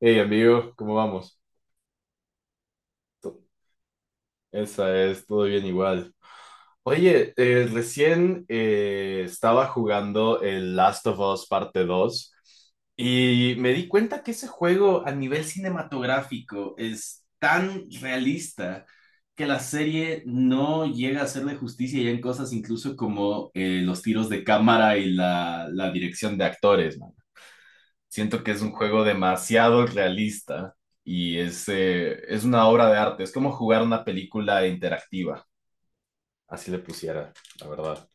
Hey amigo, ¿cómo vamos? To- Esa es, todo bien igual. Oye, recién estaba jugando el Last of Us parte Dos y me di cuenta que ese juego a nivel cinematográfico es tan realista que la serie no llega a hacerle justicia ya en cosas incluso como los tiros de cámara y la dirección de actores, ¿no? Siento que es un juego demasiado realista y es una obra de arte. Es como jugar una película interactiva. Así le pusiera, la verdad.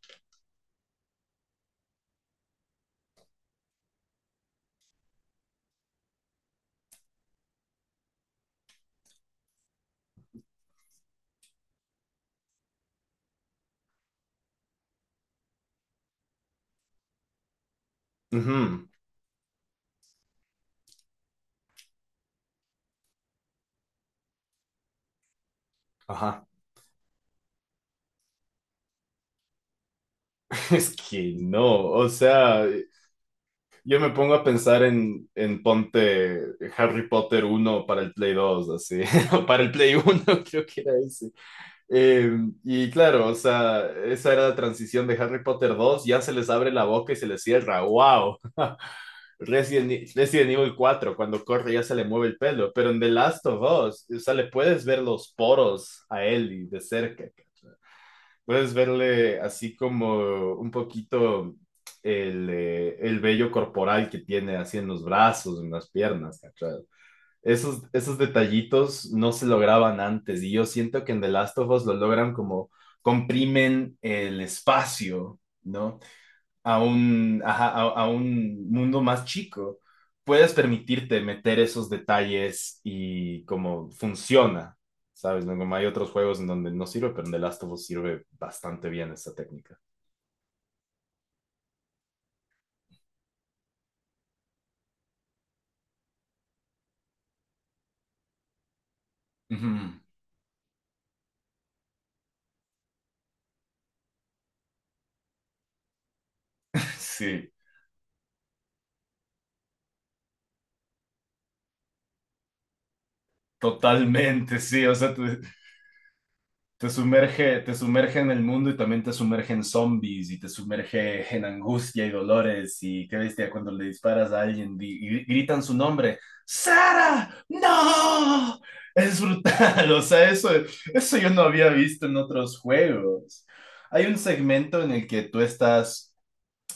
Ujú. Ajá. Es que no, o sea, yo me pongo a pensar en ponte Harry Potter uno para el Play 2 así, o para el Play uno creo que era ese. Eh, y claro, o sea, esa era la transición de Harry Potter dos ya se les abre la boca y se les cierra, wow. Resident Evil cuatro cuando corre ya se le mueve el pelo, pero en The Last of Us, o sea, le puedes ver los poros a Ellie de cerca, ¿cachai? Puedes verle así como un poquito el vello corporal que tiene así en los brazos, en las piernas, ¿cachai? Esos detallitos no se lograban antes y yo siento que en The Last of Us lo logran como comprimen el espacio, ¿no? Ajá, a un mundo más chico, puedes permitirte meter esos detalles y cómo funciona, ¿sabes? ¿No? Como hay otros juegos en donde no sirve, pero en The Last of Us sirve bastante bien esta técnica. Ujú. Sí, totalmente, sí. O sea, te sumerge, te sumerge en el mundo y también te sumerge en zombies y te sumerge en angustia y dolores, y qué bestia cuando le disparas a alguien y, gritan su nombre. ¡Sara! ¡No! Es brutal, o sea, eso yo no había visto en otros juegos. Hay un segmento en el que tú estás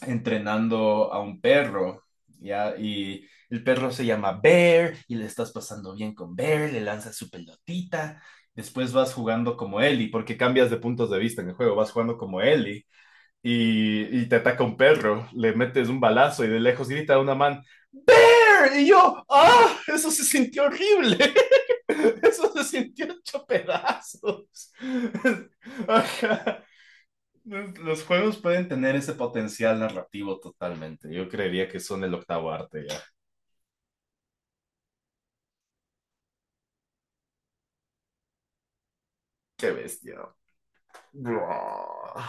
entrenando a un perro, ¿ya? Y el perro se llama Bear y le estás pasando bien con Bear, le lanzas su pelotita, después vas jugando como Ellie, porque cambias de puntos de vista en el juego, vas jugando como Ellie y te ataca un perro, le metes un balazo y de lejos grita a una man, Bear, y yo, ¡ah! Eso se sintió horrible. Eso se sintió hecho pedazos. Ajá. Los juegos pueden tener ese potencial narrativo totalmente. Yo creería que son el octavo arte ya. Qué bestia. Buah.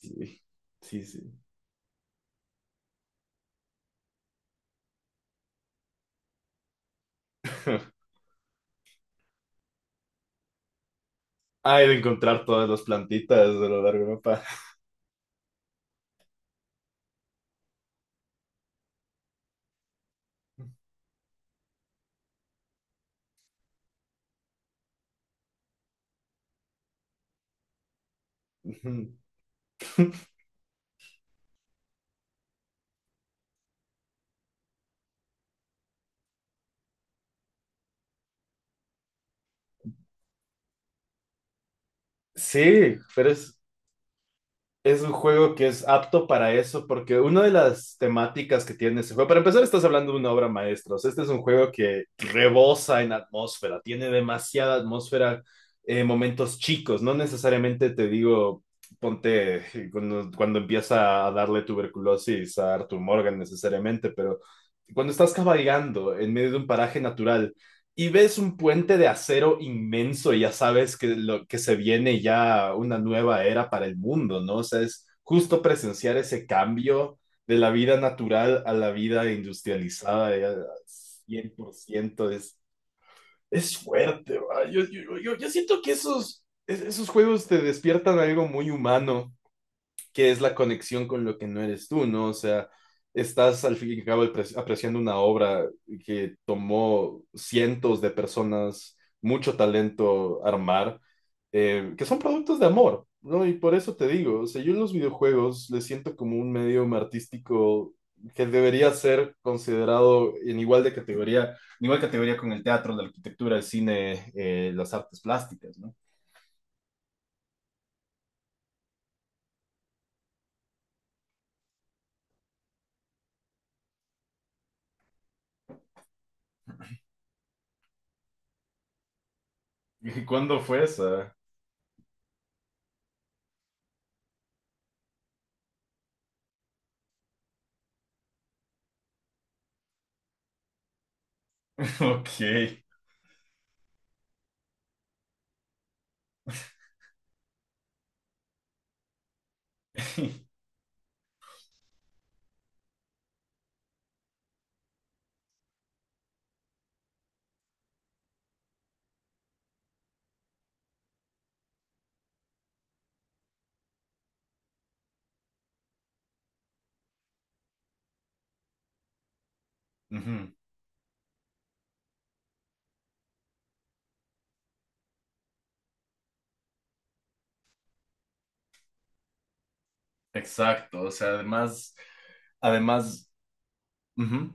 Sí, sí, sí. Hay de encontrar todas las plantitas de lo largo del mapa. Sí, pero es un juego que es apto para eso, porque una de las temáticas que tiene ese juego, para empezar, estás hablando de una obra maestra. O sea, este es un juego que rebosa en atmósfera, tiene demasiada atmósfera, momentos chicos. No necesariamente te digo, ponte cuando empieza a darle tuberculosis a Arthur Morgan, necesariamente, pero cuando estás cabalgando en medio de un paraje natural y ves un puente de acero inmenso y ya sabes que lo que se viene ya una nueva era para el mundo, ¿no? O sea, es justo presenciar ese cambio de la vida natural a la vida industrializada ya, 100% es, fuerte, ¿va? Yo siento que esos juegos te despiertan algo muy humano, que es la conexión con lo que no eres tú, ¿no? O sea, estás al fin y al cabo apreciando una obra que tomó cientos de personas, mucho talento armar, que son productos de amor, ¿no? Y por eso te digo, o sea, yo en los videojuegos les siento como un medio artístico, que debería ser considerado en igual de categoría, en igual categoría con el teatro, la arquitectura, el cine, las artes plásticas, ¿no? ¿Y cuándo fue esa? Ok. Ujú. Exacto, o sea, además. Ujú.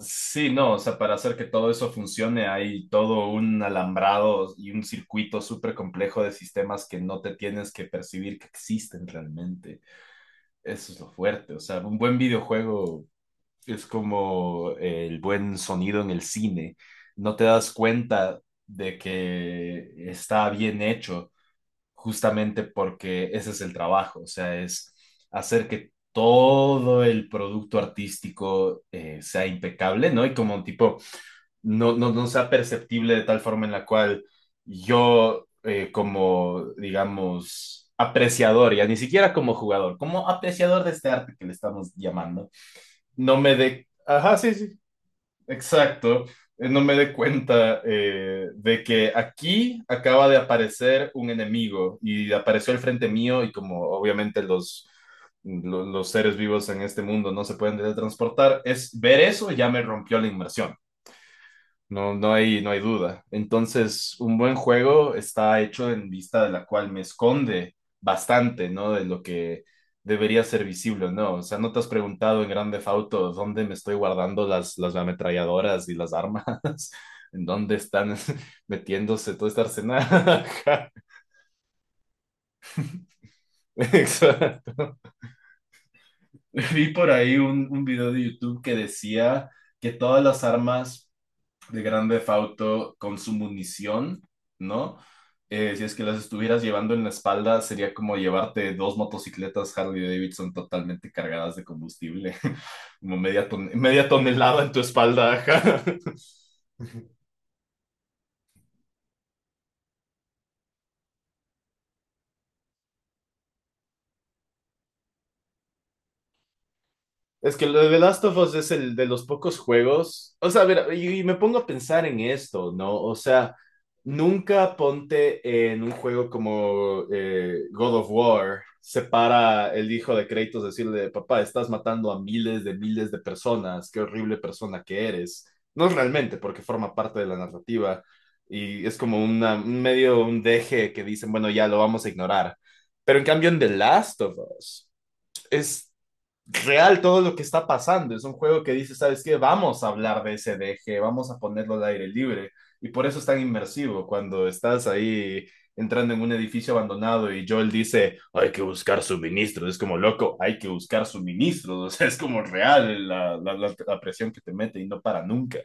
Sí, no, o sea, para hacer que todo eso funcione hay todo un alambrado y un circuito súper complejo de sistemas que no te tienes que percibir que existen realmente. Eso es lo fuerte, o sea, un buen videojuego es como el buen sonido en el cine. No te das cuenta de que está bien hecho justamente porque ese es el trabajo, o sea, es hacer que todo el producto artístico sea impecable, ¿no? Y como tipo, no, no, no sea perceptible de tal forma en la cual yo, como, digamos, apreciador, ya ni siquiera como jugador, como apreciador de este arte que le estamos llamando, no me dé. Ajá, sí, sí. Exacto, no me dé cuenta de que aquí acaba de aparecer un enemigo y apareció al frente mío y como obviamente los seres vivos en este mundo no se pueden teletransportar, es ver eso y ya me rompió la inmersión. No, no hay duda. Entonces, un buen juego está hecho en vista de la cual me esconde bastante, ¿no? De lo que debería ser visible, ¿no? O sea, ¿no te has preguntado en Grand Theft Auto dónde me estoy guardando las ametralladoras y las armas? ¿En dónde están metiéndose todo este arsenal? Exacto. Vi por ahí un video de YouTube que decía que todas las armas de Grande Auto con su munición, ¿no? Si es que las estuvieras llevando en la espalda, sería como llevarte dos motocicletas Harley Davidson totalmente cargadas de combustible, como media tonelada en tu espalda. Ajá. Es que lo de The Last of Us es el de los pocos juegos. O sea, a ver, y me pongo a pensar en esto, ¿no? O sea, nunca ponte en un juego como God of War, se para el hijo de Kratos decirle, papá, estás matando a miles de personas, qué horrible persona que eres. No realmente, porque forma parte de la narrativa y es como un medio, un deje que dicen, bueno, ya lo vamos a ignorar. Pero en cambio en The Last of Us es real todo lo que está pasando. Es un juego que dice, ¿sabes qué? Vamos a hablar de ese D G, vamos a ponerlo al aire libre. Y por eso es tan inmersivo cuando estás ahí entrando en un edificio abandonado y Joel dice, hay que buscar suministros. Es como, loco, hay que buscar suministros. O sea, es como real la presión que te mete y no para nunca.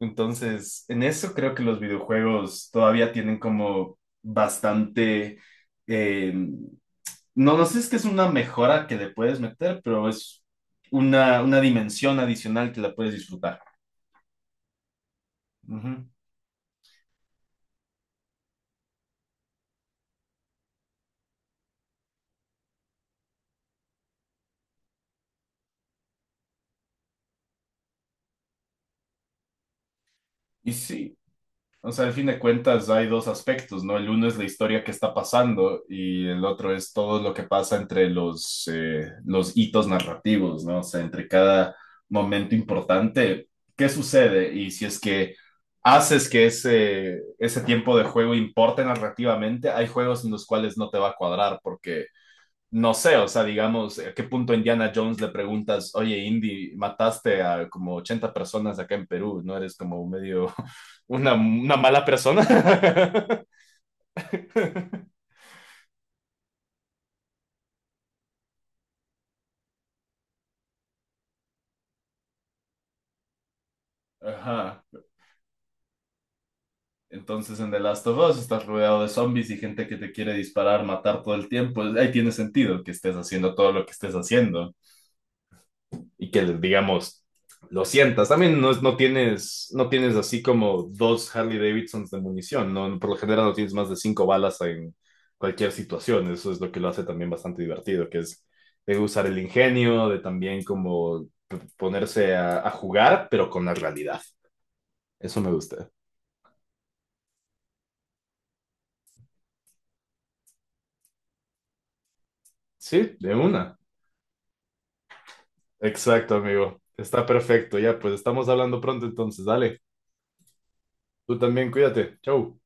Entonces, en eso creo que los videojuegos todavía tienen como bastante. Eh, no, no sé si es que es una mejora que le puedes meter, pero es una dimensión adicional que la puedes disfrutar. Ujú. Y sí, o sea, al fin de cuentas hay dos aspectos, ¿no? El uno es la historia que está pasando y el otro es todo lo que pasa entre los hitos narrativos, ¿no? O sea, entre cada momento importante, ¿qué sucede? Y si es que haces que ese tiempo de juego importe narrativamente, hay juegos en los cuales no te va a cuadrar porque no sé, o sea, digamos, ¿a qué punto Indiana Jones le preguntas, oye, Indy, mataste a como 80 personas acá en Perú, ¿no eres como medio una mala persona? Ajá. Entonces en The Last of Us estás rodeado de zombies y gente que te quiere disparar, matar todo el tiempo. Ahí tiene sentido que estés haciendo todo lo que estés haciendo. Y que, digamos, lo sientas. También no, no tienes, así como dos Harley Davidsons de munición, ¿no? Por lo general no tienes más de cinco balas en cualquier situación. Eso es lo que lo hace también bastante divertido, que es de usar el ingenio, de también como ponerse a jugar, pero con la realidad. Eso me gusta. Sí, de una. Exacto, amigo. Está perfecto. Ya, pues estamos hablando pronto entonces. Dale, tú también cuídate. Chau.